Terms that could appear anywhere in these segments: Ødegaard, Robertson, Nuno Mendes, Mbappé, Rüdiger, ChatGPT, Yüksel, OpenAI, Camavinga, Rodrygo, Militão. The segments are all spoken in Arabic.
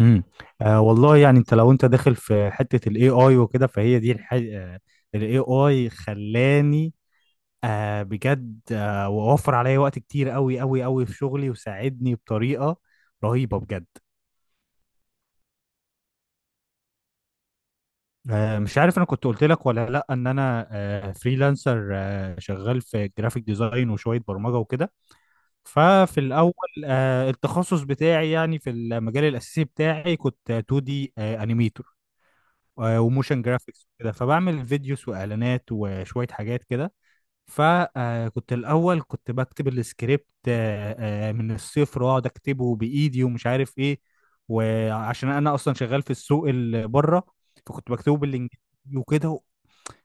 امم آه والله، يعني انت لو انت داخل في حتة الاي اي وكده، فهي دي الح... آه الاي اي خلاني. بجد ووفر عليا وقت كتير قوي قوي قوي في شغلي وساعدني بطريقة رهيبة بجد. مش عارف انا كنت قلت لك ولا لا، ان انا فريلانسر، شغال في جرافيك ديزاين وشوية برمجة وكده. ففي الاول، التخصص بتاعي يعني في المجال الاساسي بتاعي كنت 2 دي انيميتور وموشن جرافيكس وكده، فبعمل فيديوز واعلانات وشويه حاجات كده. فكنت الاول كنت بكتب السكريبت، من الصفر واقعد اكتبه بايدي ومش عارف ايه. وعشان انا اصلا شغال في السوق اللي بره، فكنت بكتبه بالانجليزي وكده.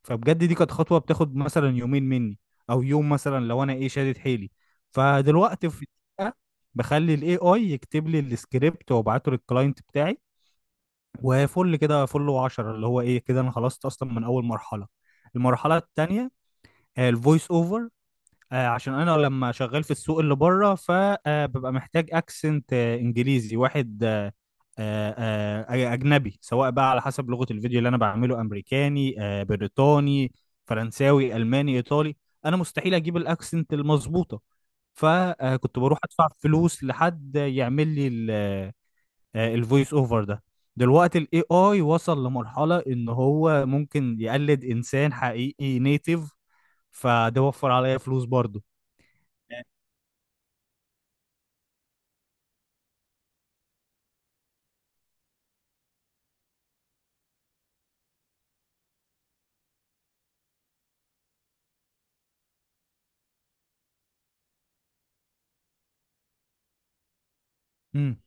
فبجد دي كانت خطوه بتاخد مثلا يومين مني او يوم، مثلا لو انا ايه شادد حيلي. فدلوقتي في دقيقة بخلي الاي اي يكتب لي السكريبت وابعته للكلاينت بتاعي وفل كده فل وعشرة، اللي هو ايه كده انا خلصت اصلا من اول مرحله. المرحله التانيه الفويس اوفر. عشان انا لما شغال في السوق اللي بره، فببقى محتاج اكسنت انجليزي واحد، اجنبي، سواء بقى على حسب لغه الفيديو اللي انا بعمله، امريكاني بريطاني فرنساوي الماني ايطالي. انا مستحيل اجيب الاكسنت المظبوطه، فكنت بروح ادفع فلوس لحد يعمل لي الفويس اوفر ده. دلوقتي الاي اي وصل لمرحلة ان هو ممكن يقلد انسان حقيقي نيتيف، فده وفر عليا فلوس برضه. امم.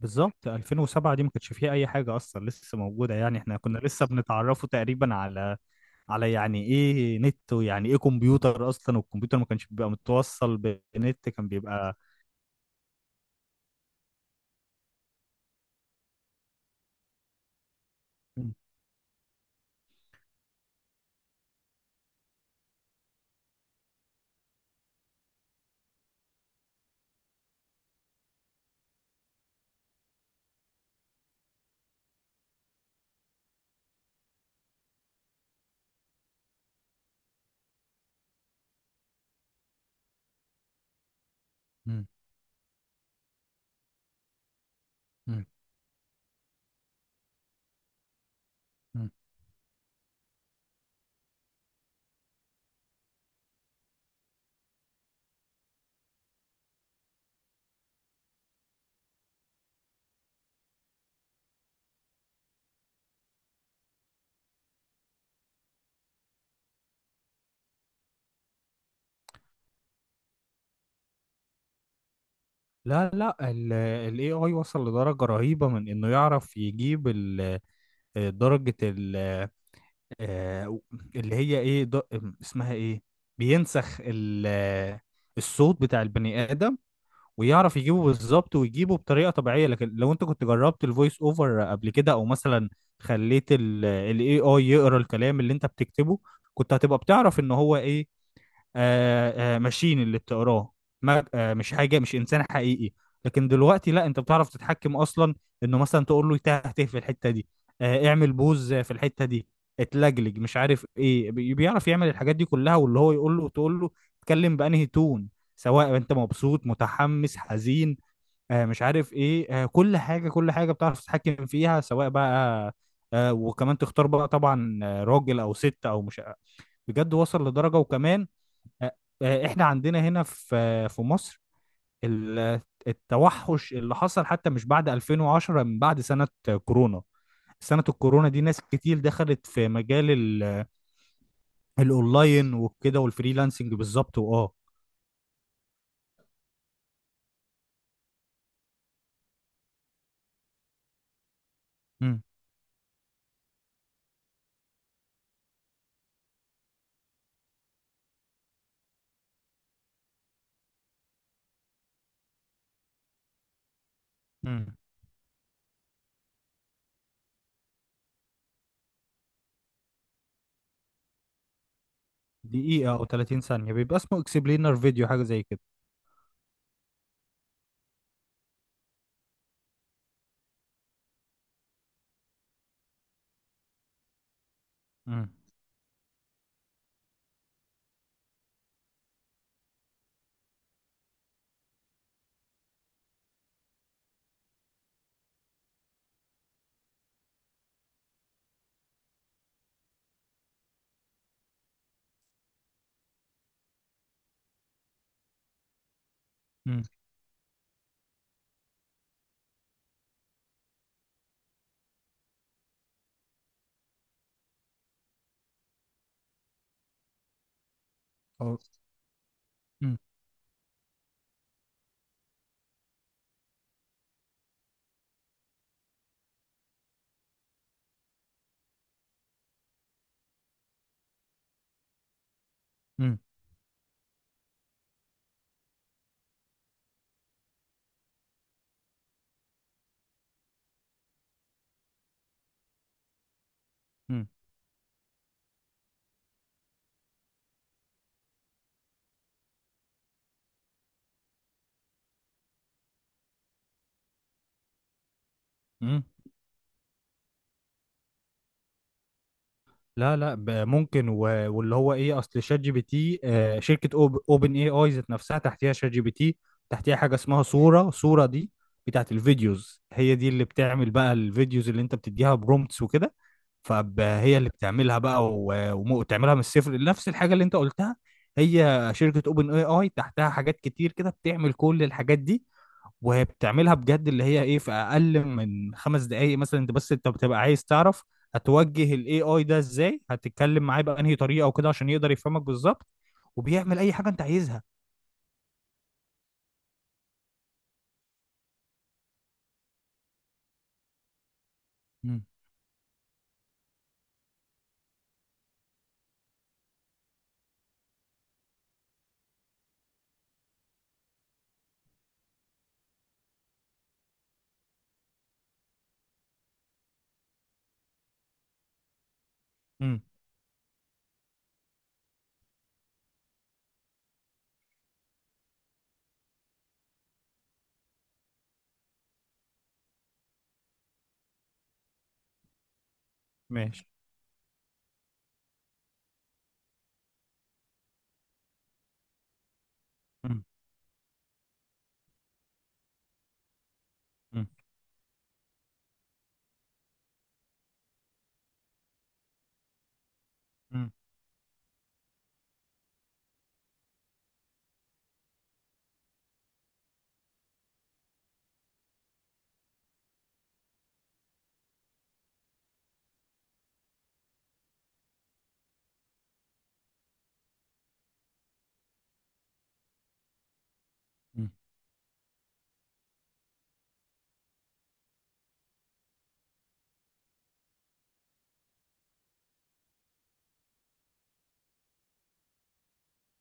بالظبط 2007 دي ما كانش فيها اي حاجه اصلا لسه موجوده، يعني احنا كنا لسه بنتعرفوا تقريبا على يعني ايه نت ويعني ايه كمبيوتر اصلا، والكمبيوتر ما كانش بيبقى متوصل بنت، كان بيبقى. مم. مم. مم. مم. لا لا، الاي اي وصل لدرجه رهيبه من انه يعرف يجيب ال آه، درجة ال آه، اللي هي ايه اسمها ايه، بينسخ الصوت بتاع البني آدم، ويعرف يجيبه بالظبط ويجيبه بطريقة طبيعية. لكن لو انت كنت جربت الفويس اوفر قبل كده، او مثلا خليت الاي اي يقرا الكلام اللي انت بتكتبه، كنت هتبقى بتعرف ان هو ايه ماشين اللي بتقراه، مش حاجه، مش انسان حقيقي. لكن دلوقتي لا، انت بتعرف تتحكم اصلا انه مثلا تقول له تهته في الحته دي، اعمل بوز في الحته دي، اتلجلج مش عارف ايه، بيعرف يعمل الحاجات دي كلها، واللي هو يقول له تقول له اتكلم بانهي تون، سواء انت مبسوط متحمس حزين مش عارف ايه. كل حاجه كل حاجه بتعرف تتحكم فيها، سواء بقى وكمان تختار بقى طبعا راجل او ست او مش. بجد وصل لدرجه وكمان. آه، احنا عندنا هنا في مصر ال- التوحش اللي حصل حتى مش بعد 2010، من بعد سنة كورونا. سنة الكورونا دي ناس كتير دخلت في مجال الاونلاين وكده والفريلانسنج، بالظبط واه. امم. امم. دقيقة او 30 ثانية بيبقى اسمه اكسبلينر فيديو، حاجة زي كده. امم. امم. أو- امم. امم. لا لا، ممكن، واللي هو ايه، اصل شات جي بي تي شركه اوبن اي اي ذات نفسها تحتيها شات جي بي تي، تحتيها حاجه اسمها صوره. صوره دي بتاعت الفيديوز، هي دي اللي بتعمل بقى الفيديوز اللي انت بتديها برومتس وكده. فهي اللي بتعملها بقى، وتعملها من الصفر، نفس الحاجه اللي انت قلتها. هي شركه اوبن اي اي تحتها حاجات كتير كده، بتعمل كل الحاجات دي، وهي بتعملها بجد، اللي هي ايه، في اقل من خمس دقايق مثلا. انت بس انت بتبقى عايز تعرف هتوجه الاي اي ده ازاي، هتتكلم معاه بانهي طريقه وكده، عشان يقدر يفهمك بالظبط وبيعمل اي حاجه انت عايزها. مم. امم. ماشي. امم. امم. امم. امم.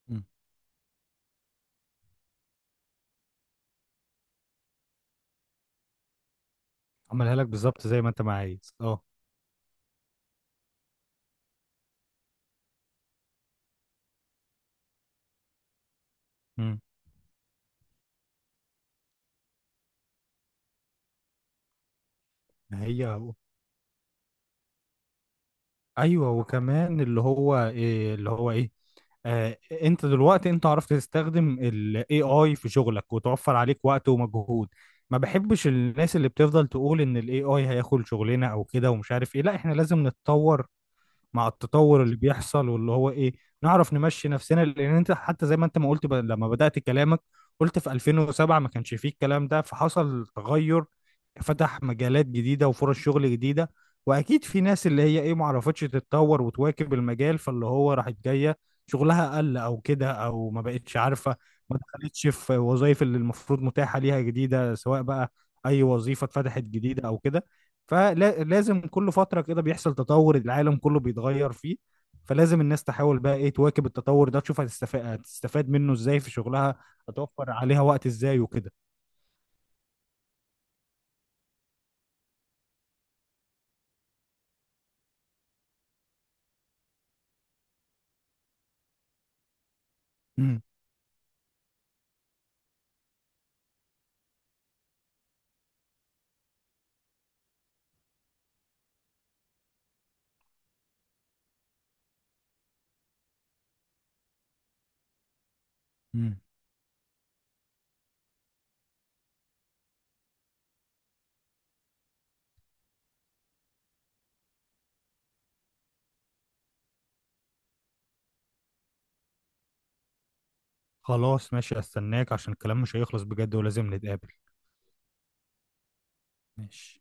امم. عملها لك بالظبط زي ما انت ما عايز، اه. امم. هي هو. ايوه، وكمان اللي هو إيه اللي هو ايه، انت دلوقتي انت عرفت تستخدم ال AI في شغلك وتوفر عليك وقت ومجهود. ما بحبش الناس اللي بتفضل تقول ان ال AI هياخد شغلنا او كده ومش عارف ايه. لا، احنا لازم نتطور مع التطور اللي بيحصل، واللي هو ايه، نعرف نمشي نفسنا، لان انت حتى زي ما انت ما قلت لما بدأت كلامك، قلت في 2007 ما كانش فيه الكلام ده، فحصل تغير، فتح مجالات جديدة وفرص شغل جديدة. واكيد في ناس اللي هي ايه ما عرفتش تتطور وتواكب المجال، فاللي هو راحت جاية شغلها قل او كده، او ما بقتش عارفة ما دخلتش في وظائف اللي المفروض متاحة ليها جديدة، سواء بقى اي وظيفة اتفتحت جديدة او كده. فلازم كل فترة كده بيحصل تطور، العالم كله بيتغير فيه، فلازم الناس تحاول بقى ايه تواكب التطور ده، تشوف هتستفاد منه ازاي في شغلها، هتوفر عليها وقت ازاي وكده. امم. امم. خلاص، ماشي، استناك عشان الكلام مش هيخلص بجد، ولازم نتقابل. ماشي.